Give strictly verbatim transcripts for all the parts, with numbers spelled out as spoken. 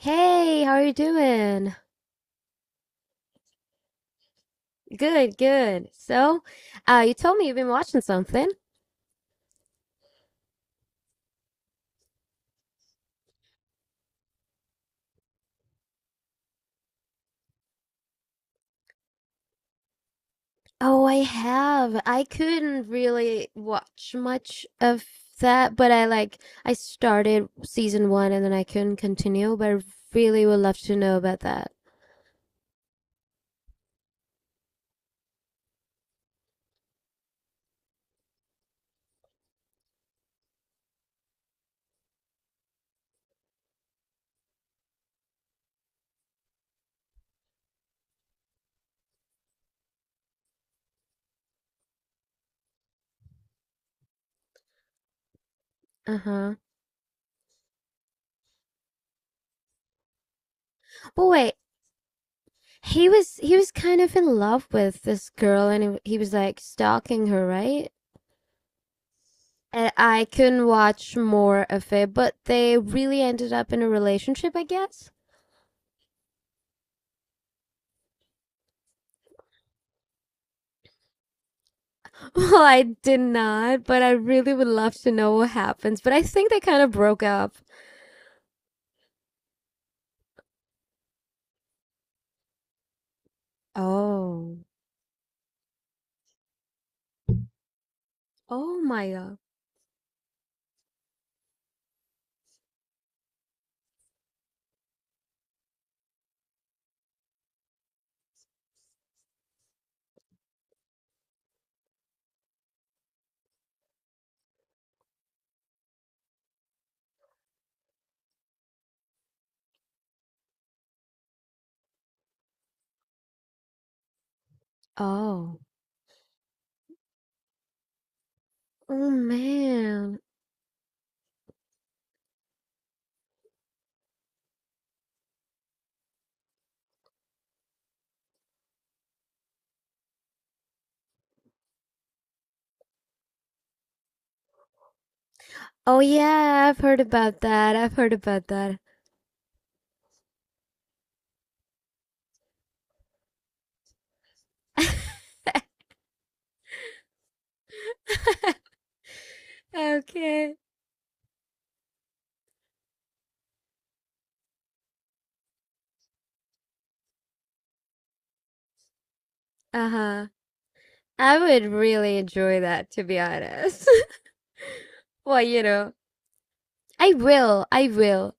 Hey, how are you doing? Good, good. So, uh, you told me you've been watching something. Oh, I have. I couldn't really watch much of that, but I like I started season one and then I couldn't continue, but I really would love to know about that. Uh-huh. But wait, he was he was kind of in love with this girl and he, he was like stalking her, right? And I couldn't watch more of it, but they really ended up in a relationship, I guess. Well, I did not, but I really would love to know what happens. But I think they kind of broke up. Oh. Oh my God. Oh. Oh man. Oh yeah, I've heard about that. I've heard about that. Okay. Uh-huh. I would really enjoy that, to be honest. Well, you know, I will. I will.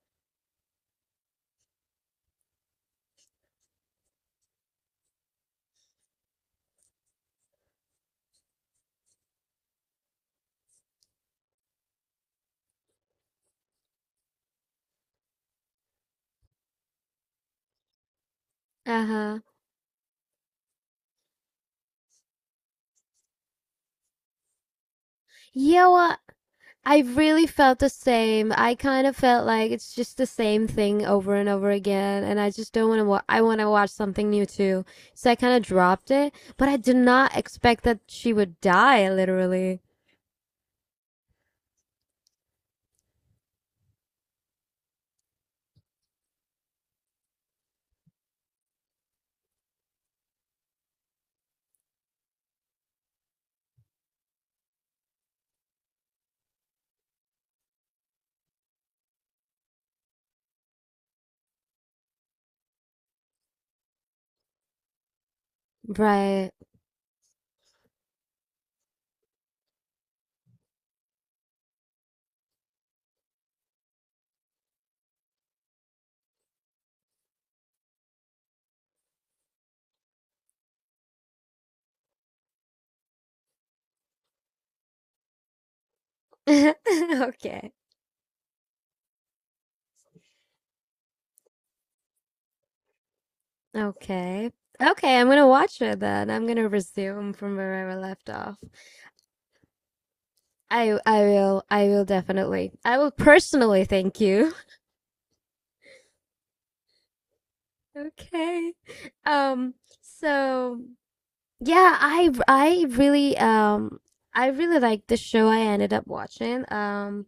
Uh-huh. Yeah, well, I really felt the same. I kind of felt like it's just the same thing over and over again, and I just don't want to. Wa- I want to watch something new too, so I kind of dropped it. But I did not expect that she would die, literally. Right? Okay. Okay. Okay, I'm gonna watch her then. I'm gonna resume from where I left off. I I will. I will definitely. I will personally thank you. Okay. Um. So, yeah, I I really um I really like the show I ended up watching. Um,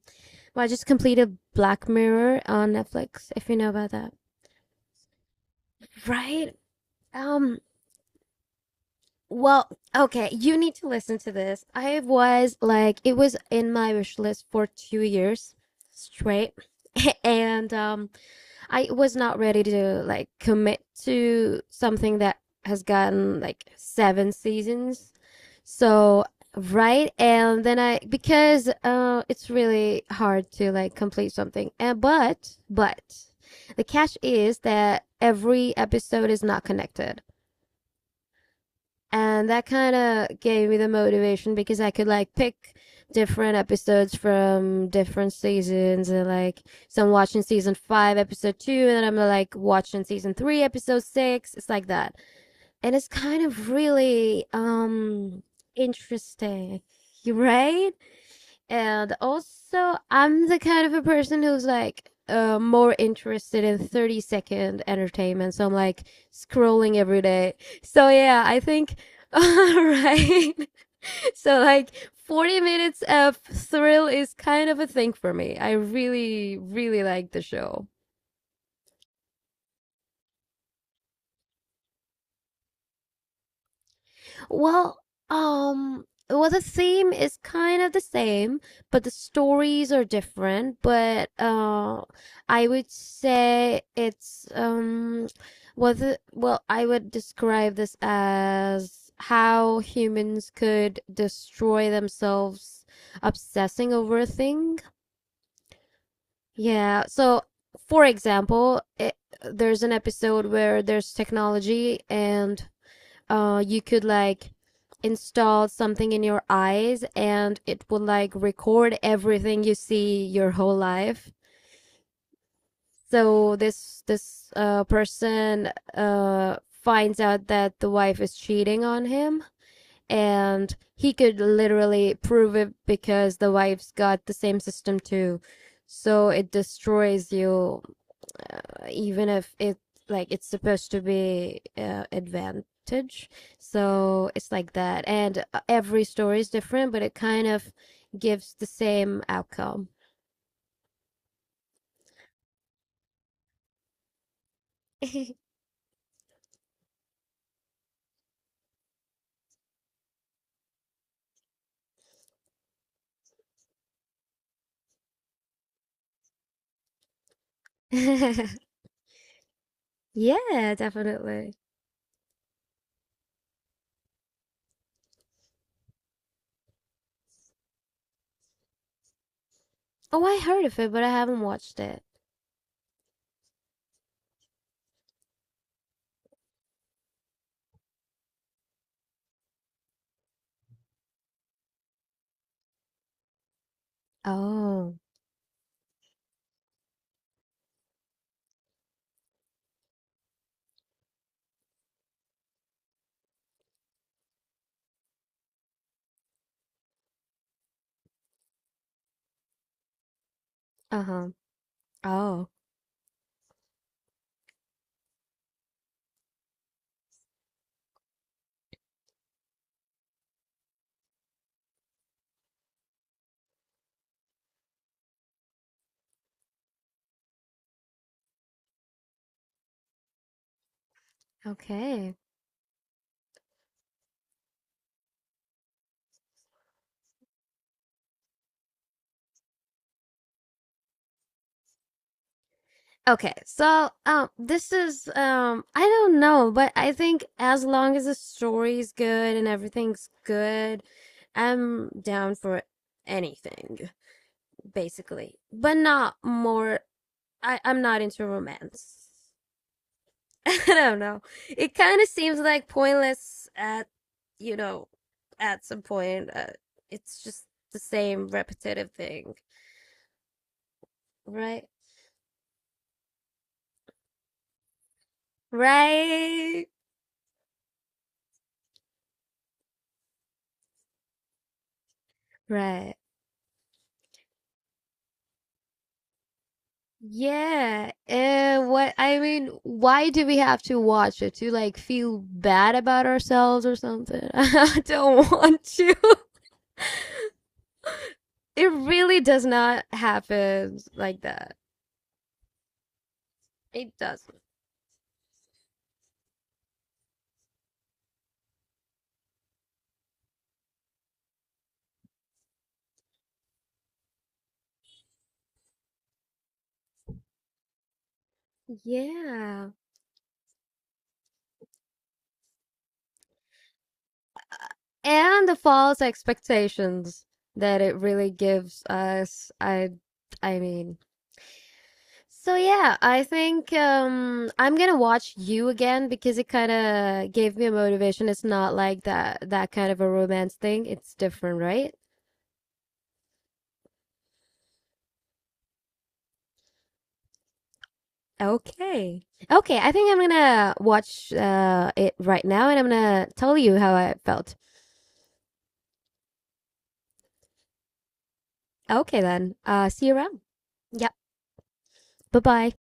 well, I just completed Black Mirror on Netflix, if you know about that. Right? Um, well, okay, you need to listen to this. I was like, it was in my wish list for two years straight, and um, I was not ready to like commit to something that has gotten like seven seasons. So right, and then I because uh it's really hard to like complete something, and but but the catch is that every episode is not connected, and that kind of gave me the motivation because I could like pick different episodes from different seasons, and like so I'm watching season five episode two and then I'm like watching season three episode six. It's like that, and it's kind of really um interesting. Right. And also, I'm the kind of a person who's like uh, more interested in thirty second entertainment. So I'm like scrolling every day. So yeah, I think, all right. So like forty minutes of thrill is kind of a thing for me. I really, really like the show. Well, um, well, the theme is kind of the same, but the stories are different. But uh, I would say it's um, was it, well, I would describe this as how humans could destroy themselves obsessing over a thing. Yeah. So, for example, it, there's an episode where there's technology and uh you could like install something in your eyes and it would like record everything you see your whole life. So this this uh person uh finds out that the wife is cheating on him and he could literally prove it because the wife's got the same system too. So it destroys you, uh, even if it like it's supposed to be uh, advantage. So it's like that, and uh, every story is different but it kind of gives the same outcome. Yeah, definitely. Oh, I heard of it but I haven't watched it. Oh. Uh-huh. Oh. Okay. Okay, so um, this is um, I don't know, but I think as long as the story's good and everything's good, I'm down for anything basically, but not more. I I'm not into romance. I don't know. It kind of seems like pointless at, you know, at some point. Uh, it's just the same repetitive thing, right? Right. Right. Yeah. Uh, what I mean, why do we have to watch it to like feel bad about ourselves or something? I don't want to. It really does not happen like that. It doesn't. Yeah. And the false expectations that it really gives us. I I mean, So yeah, I think um I'm gonna watch you again because it kind of gave me a motivation. It's not like that that kind of a romance thing. It's different, right? Okay. Okay, I think I'm gonna watch uh it right now and I'm gonna tell you how I felt. Okay then. Uh, see you around. Yep. Bye-bye.